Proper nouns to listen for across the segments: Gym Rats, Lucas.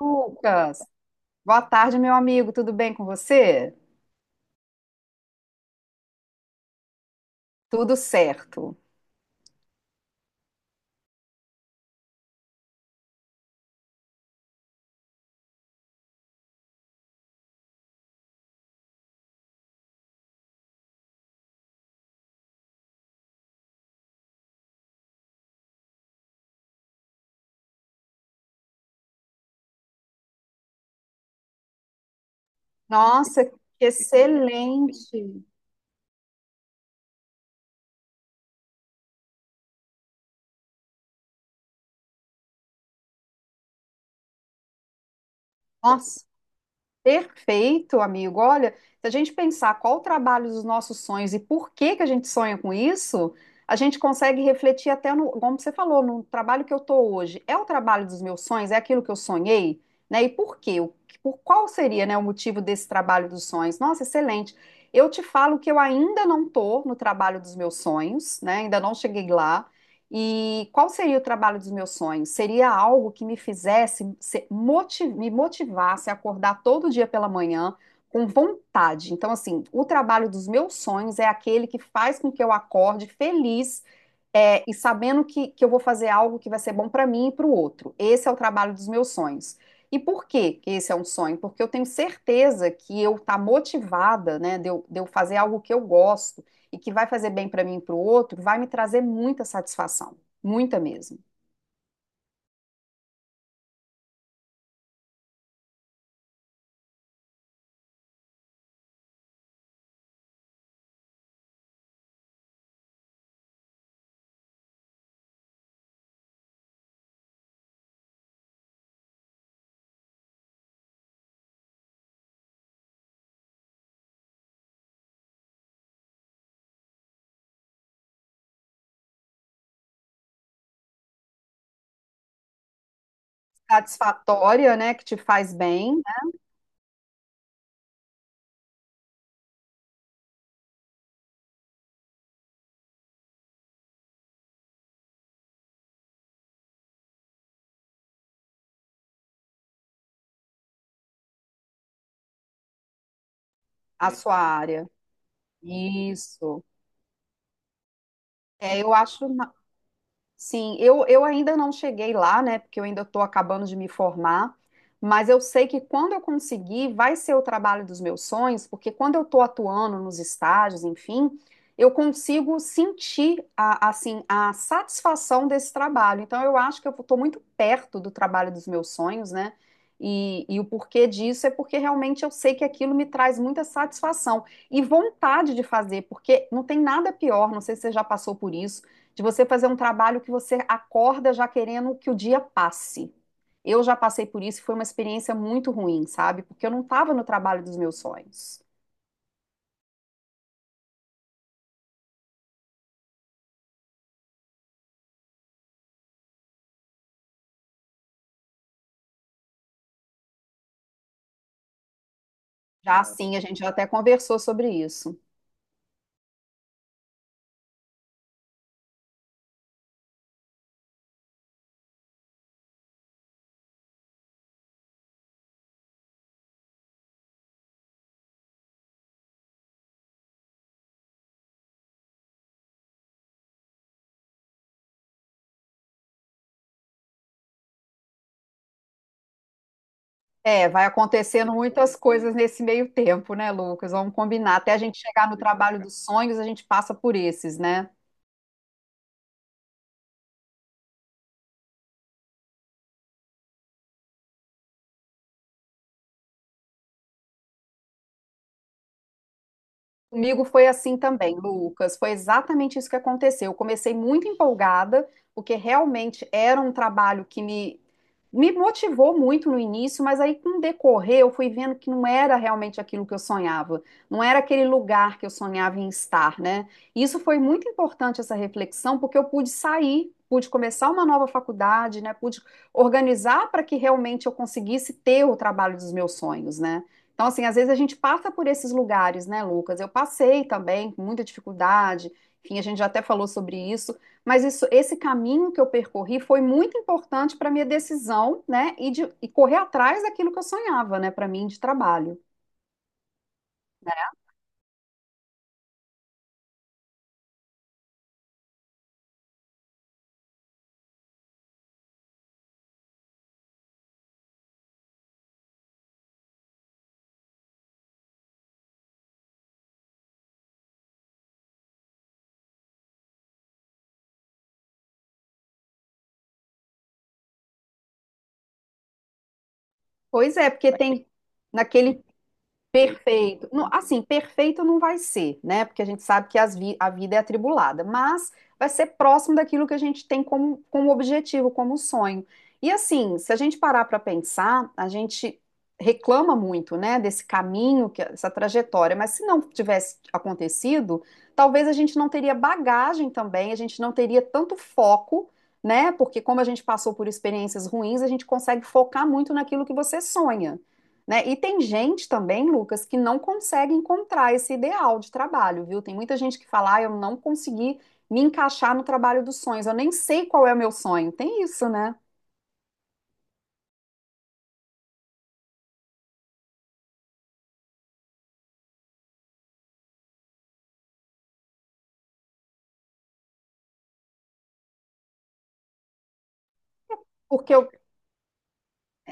Lucas, boa tarde, meu amigo. Tudo bem com você? Tudo certo. Nossa, que excelente. Nossa, perfeito, amigo. Olha, se a gente pensar qual o trabalho dos nossos sonhos e por que a gente sonha com isso, a gente consegue refletir até no, como você falou, no trabalho que eu estou hoje. É o trabalho dos meus sonhos? É aquilo que eu sonhei? Né? E por quê? Por qual seria, né, o motivo desse trabalho dos sonhos? Nossa, excelente. Eu te falo que eu ainda não estou no trabalho dos meus sonhos, né? Ainda não cheguei lá. E qual seria o trabalho dos meus sonhos? Seria algo que me fizesse, me motivasse a acordar todo dia pela manhã com vontade. Então, assim, o trabalho dos meus sonhos é aquele que faz com que eu acorde feliz, é, e sabendo que eu vou fazer algo que vai ser bom para mim e para o outro. Esse é o trabalho dos meus sonhos. E por que esse é um sonho? Porque eu tenho certeza que eu estar motivada, né, de eu fazer algo que eu gosto e que vai fazer bem para mim e para o outro, vai me trazer muita satisfação, muita mesmo. Satisfatória, né, que te faz bem, né, a sua área. Isso. É, eu acho. Sim, eu ainda não cheguei lá, né? Porque eu ainda estou acabando de me formar, mas eu sei que quando eu conseguir, vai ser o trabalho dos meus sonhos, porque quando eu estou atuando nos estágios, enfim, eu consigo sentir a, assim, a satisfação desse trabalho. Então, eu acho que eu estou muito perto do trabalho dos meus sonhos, né? E o porquê disso é porque realmente eu sei que aquilo me traz muita satisfação e vontade de fazer, porque não tem nada pior, não sei se você já passou por isso de você fazer um trabalho que você acorda já querendo que o dia passe. Eu já passei por isso e foi uma experiência muito ruim, sabe? Porque eu não estava no trabalho dos meus sonhos. Já assim, a gente já até conversou sobre isso. É, vai acontecendo muitas coisas nesse meio tempo, né, Lucas? Vamos combinar. Até a gente chegar no trabalho dos sonhos, a gente passa por esses, né? Comigo foi assim também, Lucas. Foi exatamente isso que aconteceu. Eu comecei muito empolgada, porque realmente era um trabalho que me motivou muito no início, mas aí com o decorrer eu fui vendo que não era realmente aquilo que eu sonhava, não era aquele lugar que eu sonhava em estar, né? E isso foi muito importante essa reflexão, porque eu pude sair, pude começar uma nova faculdade, né? Pude organizar para que realmente eu conseguisse ter o trabalho dos meus sonhos, né? Então, assim, às vezes a gente passa por esses lugares, né, Lucas? Eu passei também, com muita dificuldade, enfim, a gente já até falou sobre isso, mas isso, esse caminho que eu percorri foi muito importante para minha decisão, né, e correr atrás daquilo que eu sonhava, né, para mim de trabalho, né? Pois é, porque tem naquele. Perfeito. Não, assim, perfeito não vai ser, né? Porque a gente sabe que a vida é atribulada, mas vai ser próximo daquilo que a gente tem como, como objetivo, como sonho. E assim, se a gente parar para pensar, a gente reclama muito, né, desse caminho, que, essa trajetória, mas se não tivesse acontecido, talvez a gente não teria bagagem também, a gente não teria tanto foco, né? Porque como a gente passou por experiências ruins, a gente consegue focar muito naquilo que você sonha, né? E tem gente também, Lucas, que não consegue encontrar esse ideal de trabalho, viu? Tem muita gente que fala, ah, eu não consegui me encaixar no trabalho dos sonhos, eu nem sei qual é o meu sonho. Tem isso, né? Porque eu,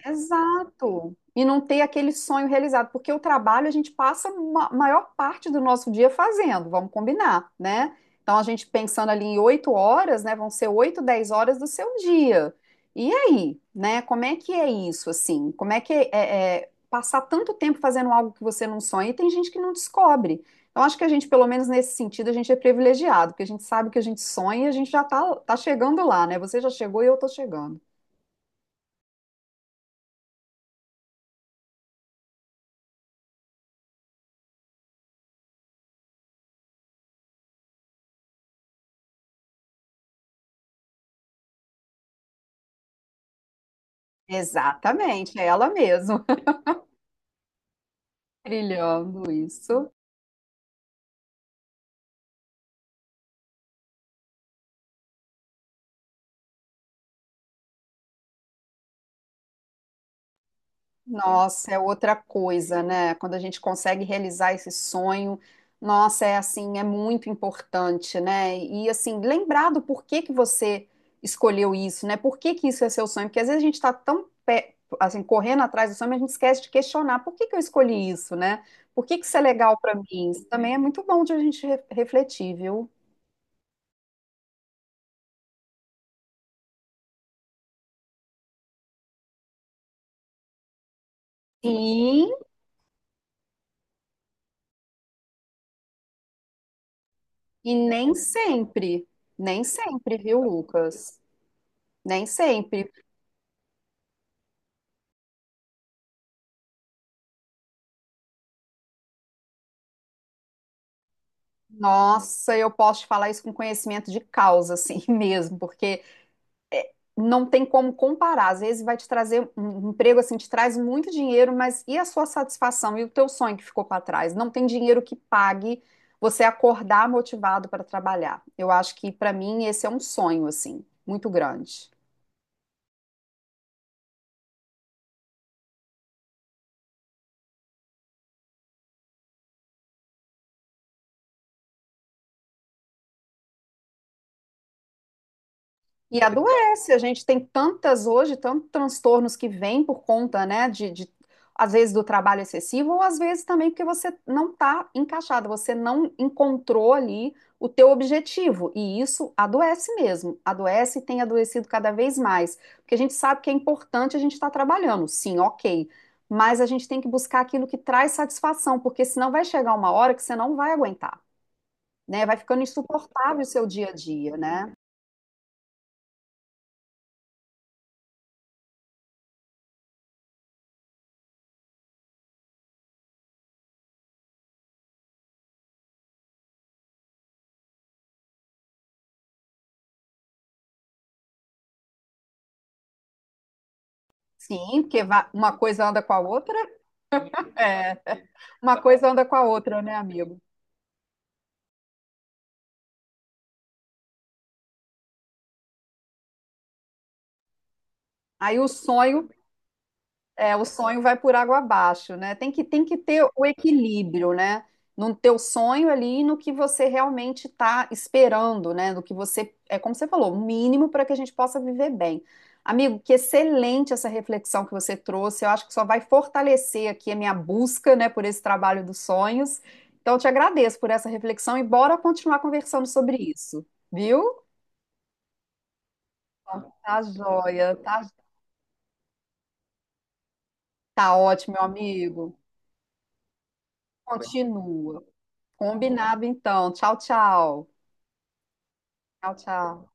Exato. E não ter aquele sonho realizado, porque o trabalho a gente passa a maior parte do nosso dia fazendo, vamos combinar, né? Então a gente pensando ali em 8 horas, né? Vão ser 8, 10 horas do seu dia. E aí, né? Como é que é isso, assim? Como é que é, é passar tanto tempo fazendo algo que você não sonha? E tem gente que não descobre. Então acho que a gente, pelo menos nesse sentido, a gente é privilegiado, porque a gente sabe que a gente sonha e a gente já tá chegando lá, né? Você já chegou e eu tô chegando. Exatamente, é ela mesma brilhando isso. Nossa, é outra coisa, né? Quando a gente consegue realizar esse sonho, nossa, é assim, é muito importante, né? E assim, lembrar do porquê que você escolheu isso, né? Por que isso é seu sonho? Porque às vezes a gente está assim, correndo atrás do sonho, mas a gente esquece de questionar por que eu escolhi isso, né? Por que isso é legal para mim? Isso também é muito bom de a gente refletir, viu? Sim, e nem sempre, nem sempre, viu, Lucas? Nem sempre. Nossa, eu posso te falar isso com conhecimento de causa, assim, mesmo, porque não tem como comparar. Às vezes vai te trazer um emprego assim, te traz muito dinheiro, mas e a sua satisfação e o teu sonho que ficou para trás? Não tem dinheiro que pague você acordar motivado para trabalhar. Eu acho que para mim esse é um sonho assim, muito grande. E adoece, a gente tem tantas hoje, tantos transtornos que vêm por conta, né, às vezes do trabalho excessivo, ou às vezes também porque você não está encaixado, você não encontrou ali o teu objetivo, e isso adoece mesmo, adoece e tem adoecido cada vez mais, porque a gente sabe que é importante a gente estar trabalhando, sim, ok, mas a gente tem que buscar aquilo que traz satisfação, porque senão vai chegar uma hora que você não vai aguentar, né, vai ficando insuportável o seu dia a dia, né? Sim, porque uma coisa anda com a outra. É, uma coisa anda com a outra, né, amigo? Aí o sonho. É, o sonho vai por água abaixo, né? Tem que ter o equilíbrio, né? No teu sonho ali, e no que você realmente está esperando, né? Do que você, é como você falou, o mínimo para que a gente possa viver bem. Amigo, que excelente essa reflexão que você trouxe. Eu acho que só vai fortalecer aqui a minha busca, né, por esse trabalho dos sonhos. Então, eu te agradeço por essa reflexão e bora continuar conversando sobre isso, viu? Tá joia, tá, tá ótimo, meu amigo. Continua. Combinado, então. Tchau, tchau. Tchau, tchau.